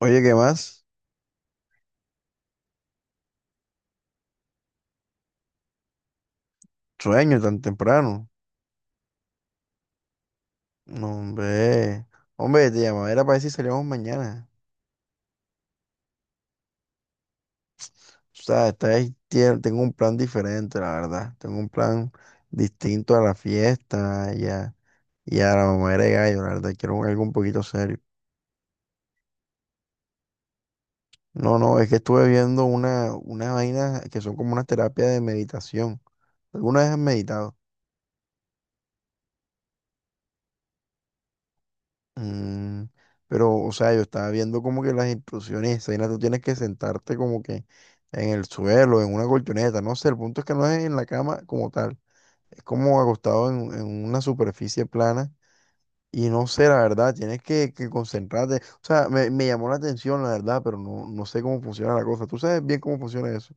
Oye, ¿qué más? Sueño tan temprano. No, hombre. Hombre, te llamaba, era para decir si salíamos mañana. O sea, esta vez tengo un plan diferente, la verdad. Tengo un plan distinto a la fiesta y a la mamá de gallo, la verdad. Quiero algo un poquito serio. No, no, es que estuve viendo unas vainas que son como unas terapias de meditación. ¿Alguna vez has meditado? Mm, pero, o sea, yo estaba viendo como que las instrucciones, esa vaina, tú tienes que sentarte como que en el suelo, en una colchoneta, no sé, el punto es que no es en la cama como tal, es como acostado en una superficie plana y no sé, la verdad, tienes que concentrarte, o sea, me llamó la atención, la verdad, pero no, no sé cómo funciona la cosa, ¿tú sabes bien cómo funciona eso?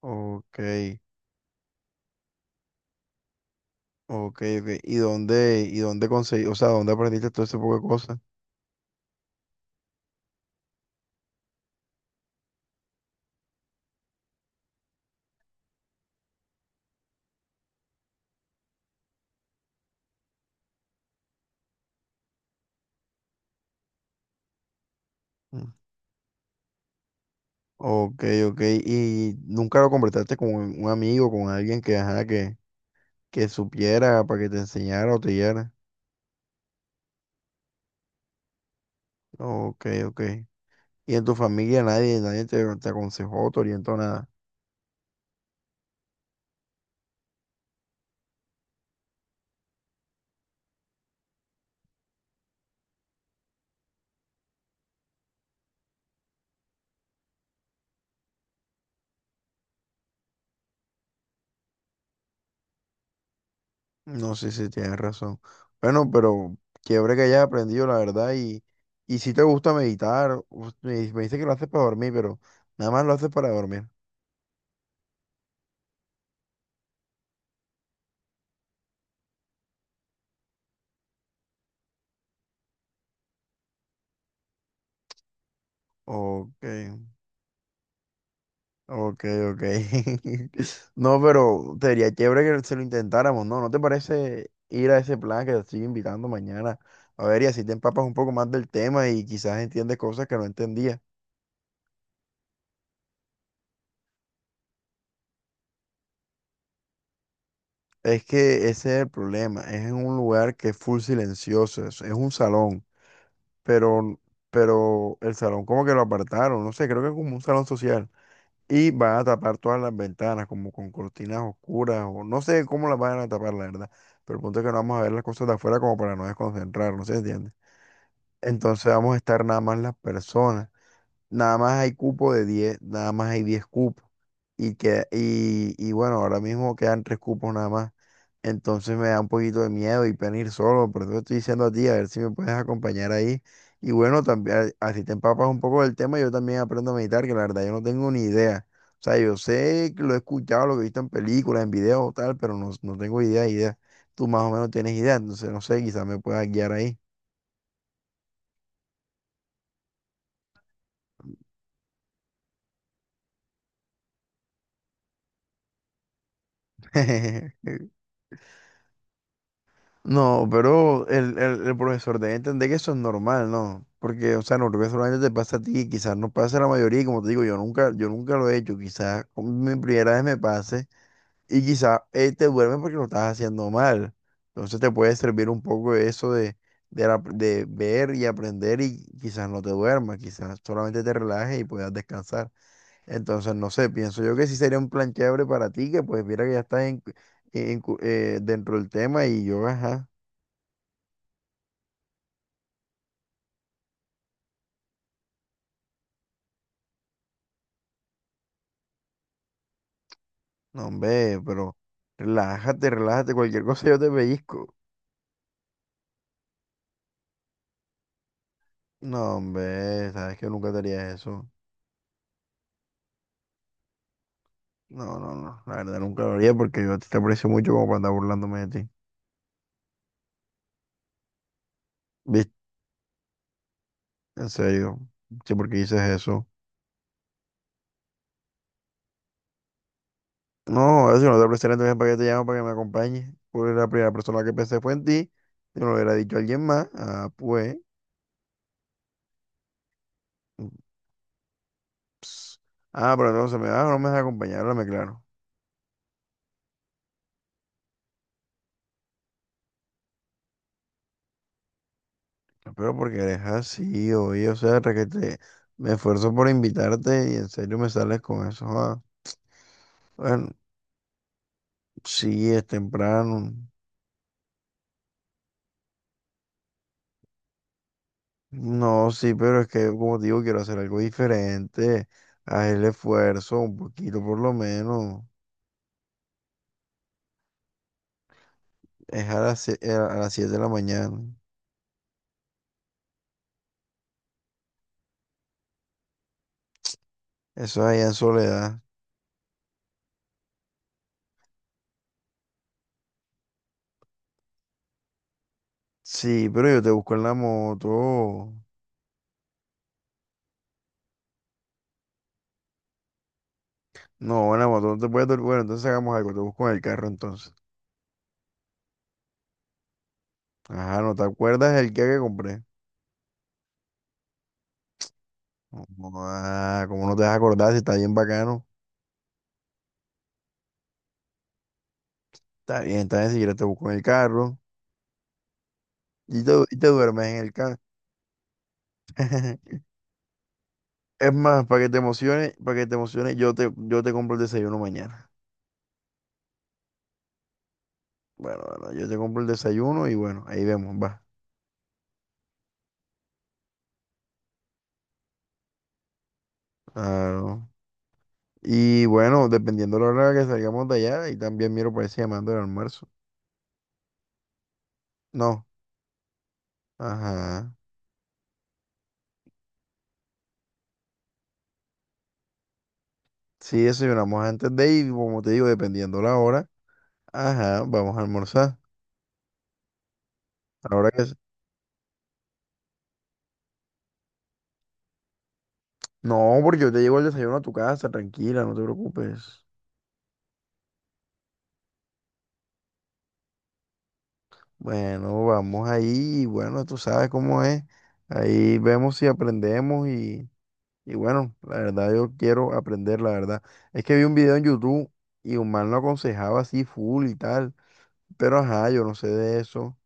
Ok, ok, ok, ¿y dónde conseguí, o sea, dónde aprendiste todo ese poco de cosas? Ok, ok. ¿Y nunca lo completaste con un amigo, con alguien que, ajá, que supiera para que te enseñara o te guiara? Ok, ok. ¿Y en tu familia nadie te aconsejó, te orientó nada? No sé si tienes razón. Bueno, pero chévere que hayas aprendido, la verdad. Y si te gusta meditar, me dice que lo haces para dormir, pero nada más lo haces para dormir. Ok. Ok, ok. No, pero sería chévere que se lo intentáramos, ¿no? ¿No te parece ir a ese plan que te estoy invitando mañana? A ver, y así te empapas un poco más del tema y quizás entiendes cosas que no entendía. Es que ese es el problema. Es en un lugar que es full silencioso. Es un salón, pero, pero el salón como que lo apartaron. No sé, creo que es como un salón social. Y van a tapar todas las ventanas como con cortinas oscuras o no sé cómo las van a tapar, la verdad. Pero el punto es que no vamos a ver las cosas de afuera como para no desconcentrarnos, ¿se entiende? Entonces vamos a estar nada más las personas, nada más hay cupo de 10, nada más hay 10 cupos. Y bueno, ahora mismo quedan 3 cupos nada más. Entonces me da un poquito de miedo y pena ir solo, por eso te estoy diciendo a ti, a ver si me puedes acompañar ahí. Y bueno, también, así te empapas un poco del tema, yo también aprendo a meditar, que la verdad yo no tengo ni idea. O sea, yo sé que lo he escuchado, lo que he visto en películas, en videos, tal, pero no, no tengo idea, idea. Tú más o menos tienes idea, entonces no sé, quizás me puedas guiar ahí. No, pero el profesor debe entender que eso es normal, ¿no? Porque, o sea, normalmente solamente te pasa a ti, quizás no pasa a la mayoría, y como te digo, yo nunca lo he hecho, quizás con mi primera vez me pase y quizás te duerme porque lo estás haciendo mal. Entonces te puede servir un poco eso de de ver y aprender y quizás no te duermas, quizás solamente te relajes y puedas descansar. Entonces, no sé, pienso yo que sí sería un plan chévere para ti, que pues mira que ya estás dentro del tema y yo, ajá. No, hombre, pero relájate, relájate, cualquier cosa yo te pellizco. No, hombre, sabes que nunca te haría eso. No, no, no, la verdad nunca lo haría porque yo a ti te aprecio mucho como para andar burlándome de ti. ¿Viste? En serio, sí, porque dices eso. No, ahora si no te aprecio entonces para qué te llamo para que me acompañes. Pues la primera persona que pensé fue en ti, si no lo hubiera dicho alguien más, ah, pues. Mm, ps. Ah, pero entonces me vas o no me vas a acompañar, háblame claro. Pero porque eres así, oye, o sea, requete, me esfuerzo por invitarte y en serio me sales con eso. Ah. Bueno, sí, es temprano. No, sí, pero es que, como te digo, quiero hacer algo diferente. Haz el esfuerzo, un poquito por lo menos. Es a las 7 de la mañana. Eso es allá en Soledad. Sí, pero yo te busco en la moto. No, en la moto no te puedes dormir. Bueno, entonces hagamos algo, te busco en el carro entonces. Ajá, ¿no te acuerdas el que compré? Ah, ¿cómo no te vas a acordar si está bien bacano? Está bien, si quieres te busco en el carro y te duermes en el carro. Es más, para que te emociones, para que te emociones, yo te compro el desayuno mañana. Bueno, bueno, yo te compro el desayuno y bueno, ahí vemos, va. Claro. Y bueno, dependiendo de la hora que salgamos de allá, y también miro para ese llamando el almuerzo. No, ajá. Sí, desayunamos antes de ir, como te digo, dependiendo la hora, ajá, vamos a almorzar. Ahora que No, porque yo te llevo el desayuno a tu casa, tranquila, no te preocupes. Bueno, vamos ahí, y bueno, tú sabes cómo es. Ahí vemos si aprendemos y bueno, la verdad yo quiero aprender, la verdad. Es que vi un video en YouTube y un man lo aconsejaba así full y tal, pero ajá, yo no sé de eso.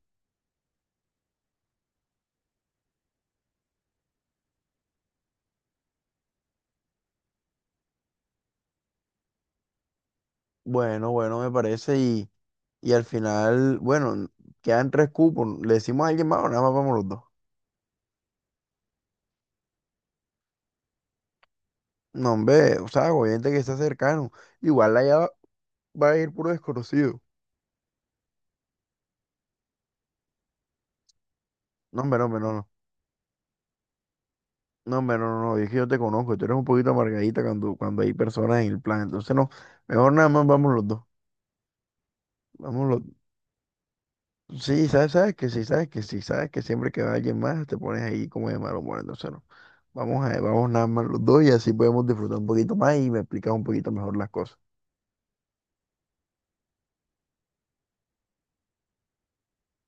Bueno, bueno, me parece y al final, bueno, quedan tres cupos. ¿Le decimos a alguien más o nada más vamos los dos? No, hombre, o sea, obviamente que está cercano. Igual allá va a ir puro desconocido. No, hombre, no, hombre, no, no. No, hombre, no, no, no. Es que yo te conozco. Y tú eres un poquito amargadita cuando hay personas en el plan. Entonces, no. Mejor nada más vamos los dos. Vamos los dos. Sí, sabes, sabes que sí, sabes que sí, sabes que siempre que va alguien más te pones ahí como de malo humor. Entonces, no. Vamos nada más los dos y así podemos disfrutar un poquito más y me explicas un poquito mejor las cosas.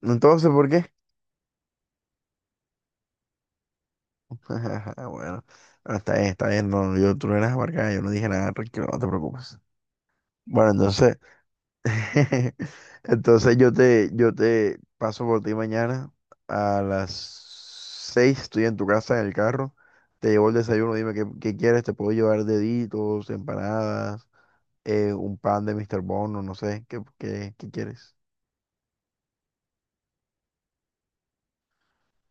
Entonces, ¿por qué? Bueno, bueno, está bien, está bien. No, tú no eras amargada, yo no dije nada, tranquilo, no te preocupes. Bueno, entonces. Entonces yo te paso por ti mañana a las 6, estoy en tu casa en el carro, te llevo el desayuno, dime qué quieres, te puedo llevar deditos, empanadas, un pan de Mr. Bono, no sé, qué quieres.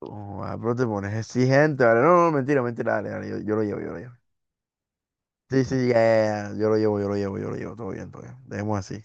Oh, ah, pero te pones exigente, vale, no, no, mentira, mentira, dale, dale, yo lo llevo, yo lo llevo. Sí, sí, ya, ya, ya, yo lo llevo, yo lo llevo, yo lo llevo, todo bien, dejemos así.